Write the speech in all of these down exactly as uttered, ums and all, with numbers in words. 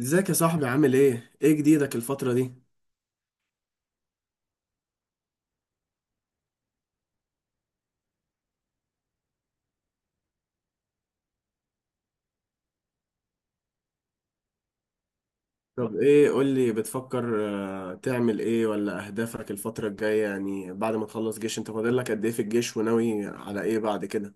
ازيك يا صاحبي عامل ايه؟ ايه جديدك الفترة دي؟ طب ايه قولي بتفكر. آه، تعمل ايه ولا اهدافك الفترة الجاية، يعني بعد ما تخلص جيش انت فاضل لك قد ايه في الجيش وناوي على ايه بعد كده؟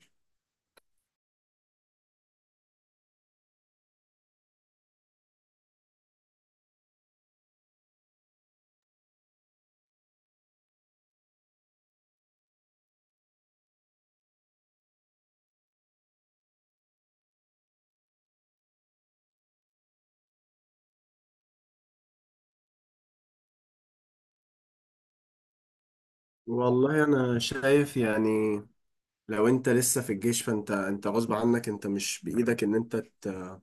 والله انا شايف يعني، لو انت لسه في الجيش فانت انت غصب عنك، انت مش بايدك ان انت ت-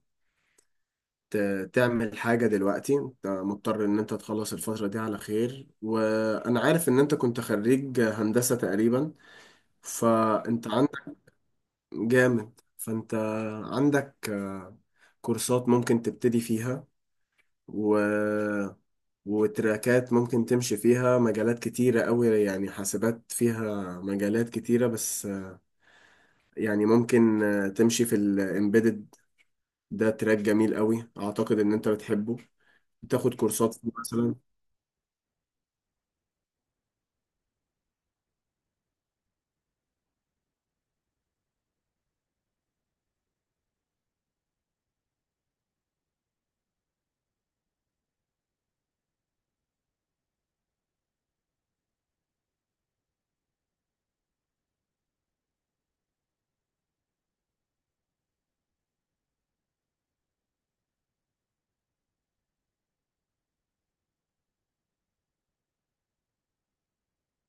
ت- تعمل حاجة دلوقتي، انت مضطر ان انت تخلص الفترة دي على خير، وانا عارف ان انت كنت خريج هندسة تقريبا، فانت جامد. فانت عندك آه، كورسات ممكن تبتدي فيها و... وتراكات ممكن تمشي فيها، مجالات كتيرة قوي يعني، حاسبات فيها مجالات كتيرة بس آه، يعني ممكن آه، تمشي في الامبيدد، ده تراك جميل قوي اعتقد ان انت بتحبه. تاخد كورسات فيه مثلا.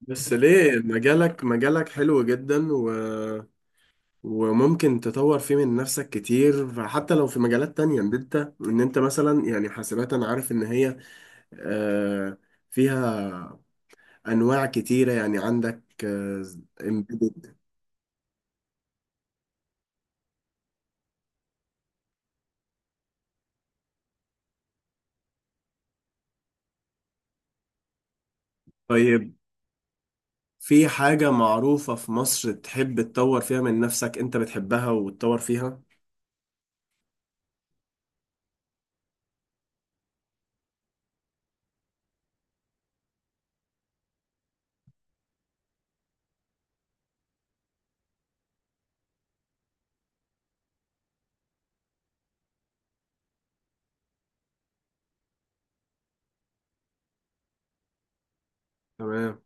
بس ليه؟ مجالك مجالك حلو جدا و وممكن تطور فيه من نفسك كتير، فحتى لو في مجالات تانية ان انت ان انت مثلا، يعني حاسبات انا عارف ان هي آه، فيها انواع كتيرة، يعني عندك آه، embedded. طيب، في حاجة معروفة في مصر تحب تطور فيها من نفسك، انت بتحبها وتطور فيها؟ تمام.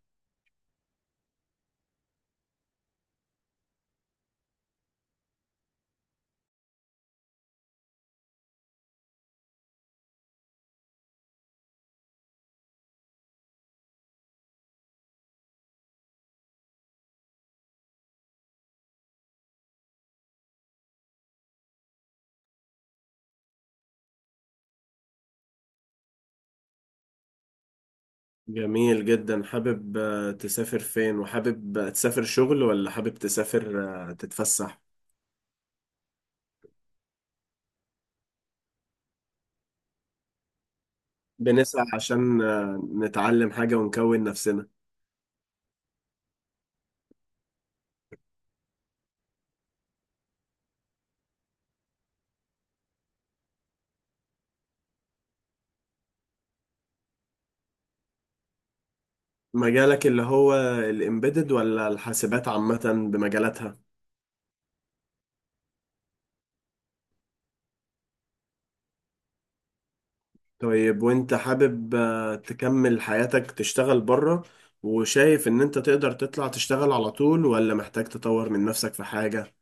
جميل جدا. حابب آه، تسافر فين؟ وحابب آه، تسافر شغل ولا حابب تسافر آه، تتفسح؟ بنسعى عشان آه، نتعلم حاجة ونكون نفسنا. مجالك اللي هو الامبيدد ولا الحاسبات عامة بمجالاتها؟ طيب، وانت حابب آه، تكمل حياتك تشتغل بره، وشايف ان انت تقدر تطلع تشتغل على طول ولا محتاج تطور من نفسك في حاجة؟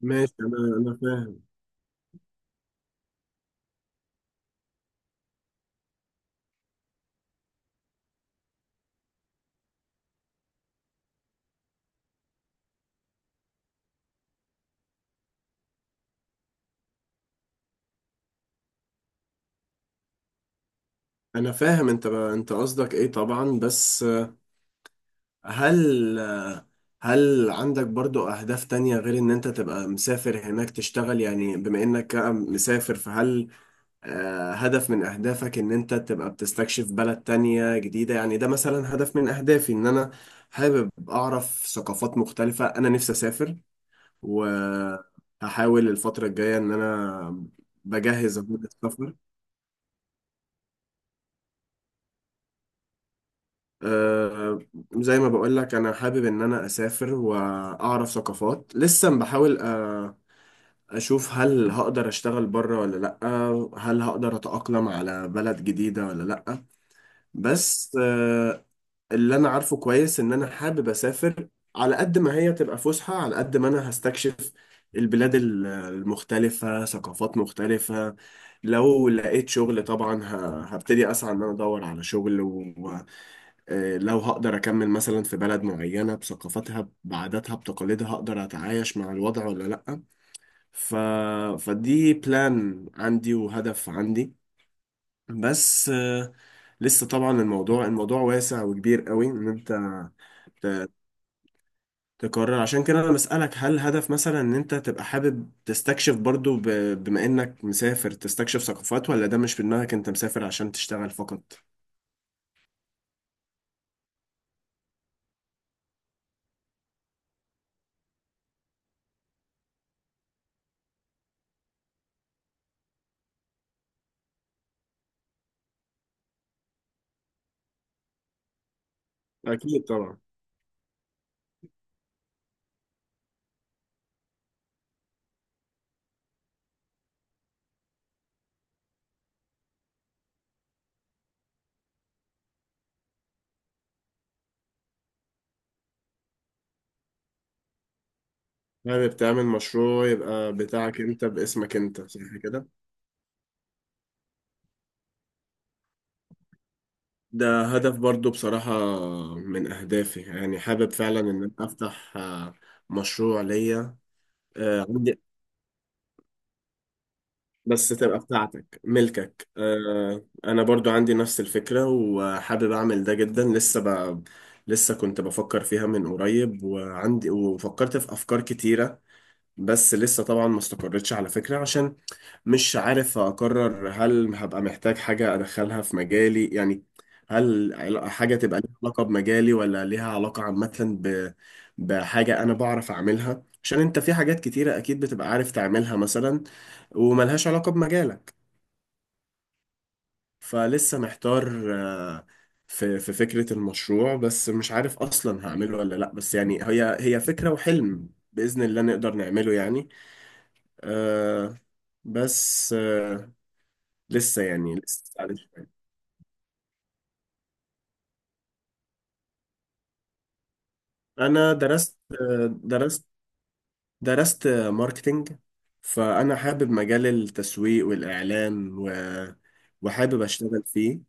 ماشي، انا انا فاهم. انا فاهم. انت بقى انت قصدك ايه طبعا، بس آه، هل آه، هل عندك برضو اهداف تانية غير ان انت تبقى مسافر هناك تشتغل؟ يعني بما انك مسافر، فهل آه، هدف من أهدافك إن أنت تبقى بتستكشف بلد تانية جديدة؟ يعني ده مثلا هدف من أهدافي، إن أنا حابب أعرف ثقافات مختلفة، أنا نفسي أسافر. وهحاول الفترة الجاية إن أنا بجهز أبوك السفر. آه، زي ما بقول لك، أنا حابب إن أنا أسافر وأعرف ثقافات. لسه بحاول آه، أشوف هل هقدر أشتغل بره ولا لأ، هل هقدر أتأقلم على بلد جديدة ولا لأ. بس آه، اللي انا عارفه كويس ان انا حابب اسافر، على قد ما هي تبقى فسحة على قد ما انا هستكشف البلاد ال- المختلفة، ثقافات مختلفة. لو لقيت شغل طبعا ه- هبتدي اسعى ان انا ادور على شغل، ولو هقدر اكمل مثلا في بلد معينة بثقافتها بعاداتها بتقاليدها، هقدر اتعايش مع الوضع ولا لا. ف... فدي بلان عندي وهدف عندي، بس آه، لسه طبعا الموضوع الموضوع واسع وكبير قوي ان انت ت- تقرر. عشان كده انا بسألك، هل هدف مثلا ان انت تبقى حابب تستكشف برضو، ب- بما انك مسافر تستكشف ثقافات، ولا ده مش في دماغك، انت مسافر عشان تشتغل فقط؟ أكيد طبعا. حابب تعمل مشروع يبقى بتاعك أنت، باسمك أنت، صح كده؟ ده هدف برضو بصراحة من أهدافي، يعني حابب فعلا إن أنا أفتح آه، مشروع ليا. آه، عندي، بس تبقى بتاعتك ملكك. آه، انا برضو عندي نفس الفكرة وحابب اعمل ده جدا. لسه ب... لسه كنت بفكر فيها من قريب، وعندي، وفكرت في افكار كتيرة بس لسه طبعا ما استقرتش على فكرة، عشان مش عارف أقرر هل هبقى محتاج حاجة أدخلها في مجالي، يعني هل عل- حاجة تبقى ليها علاقة بمجالي ولا ليها علاقة عامة ب... بحاجة أنا بعرف أعملها. عشان أنت في حاجات كتيرة أكيد بتبقى عارف تعملها مثلا، وملهاش علاقة بمجالك. فلسه محتار آه، في في فكرة المشروع، بس مش عارف أصلا هعمله ولا لأ. بس يعني هي هي فكرة وحلم، بإذن الله نقدر نعمله يعني. آه، بس آه، لسه يعني لسه عليه شوية. انا درست، آه درست، درست آه، ماركتينج. فانا حابب مجال التسويق والاعلام و... وحابب اشتغل فيه.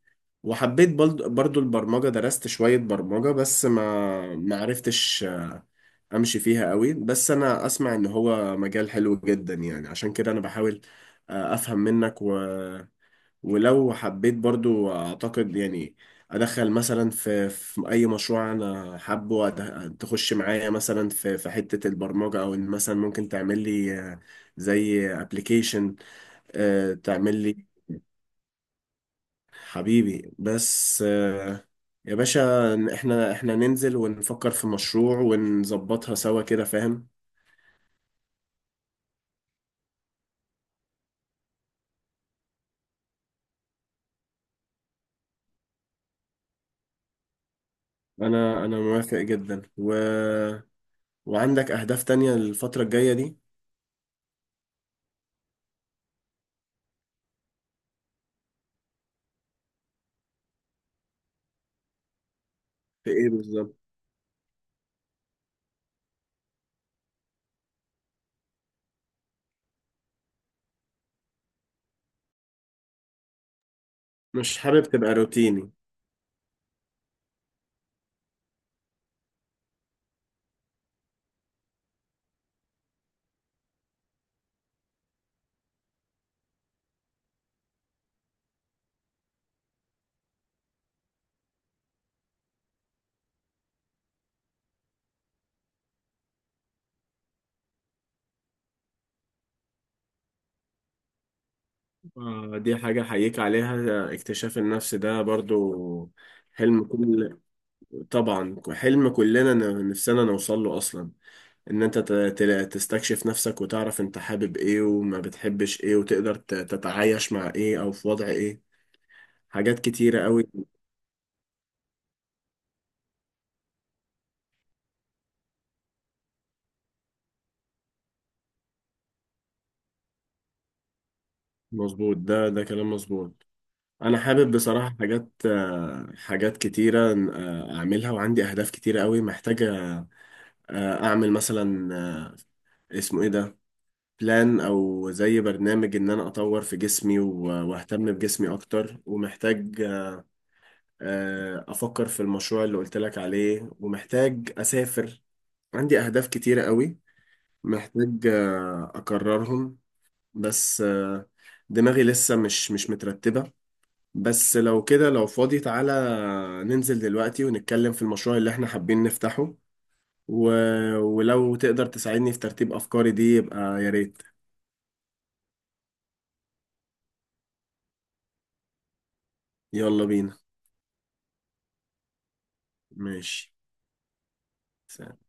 وحبيت برضو، برضو البرمجة، درست شوية برمجة بس ما ما عرفتش آه، امشي فيها قوي، بس انا اسمع ان هو مجال حلو جدا، يعني عشان كده انا بحاول آه، افهم منك و... ولو حبيت برضو اعتقد يعني ادخل مثلا في, في اي مشروع، انا حابه أد- تخش معايا مثلا في في حتة البرمجة، او ان مثلا ممكن تعمل لي آه، زي ابلكيشن تعمل لي. حبيبي، بس آه، يا باشا احنا احنا ننزل ونفكر في مشروع ونظبطها سوا كده، فاهم؟ انا انا موافق جدا. و... وعندك اهداف تانية الفترة الجاية دي؟ في ايه بالظبط؟ مش حابب تبقى روتيني؟ آه، دي حاجة أحييك عليها، اكتشاف النفس ده برضو حلم كل، طبعا حلم كلنا، ن- نفسنا نوصل له أصلا، إن أنت ت- ت- تستكشف نفسك وتعرف أنت حابب إيه وما بتحبش إيه، وتقدر ت- تتعايش مع إيه أو في وضع إيه. حاجات كتيرة قوي. مظبوط، ده ده كلام مظبوط. أنا حابب بصراحة حاجات آه، حاجات كتيرة آه، أعملها، وعندي أهداف كتيرة قوي محتاجة آه، أعمل مثلا آه، اسمه إيه ده، بلان او زي برنامج ان انا اطور في جسمي و- واهتم بجسمي اكتر، ومحتاج آه، افكر في المشروع اللي قلت لك عليه، ومحتاج اسافر. عندي اهداف كتيرة قوي محتاج آه، اكررهم، بس آه، دماغي لسه مش مش مترتبة. بس لو كده لو فاضي تعالى ننزل دلوقتي ونتكلم في المشروع اللي احنا حابين نفتحه، و... ولو تقدر تساعدني في ترتيب افكاري دي يبقى يا ريت. يلا بينا. ماشي. سلام.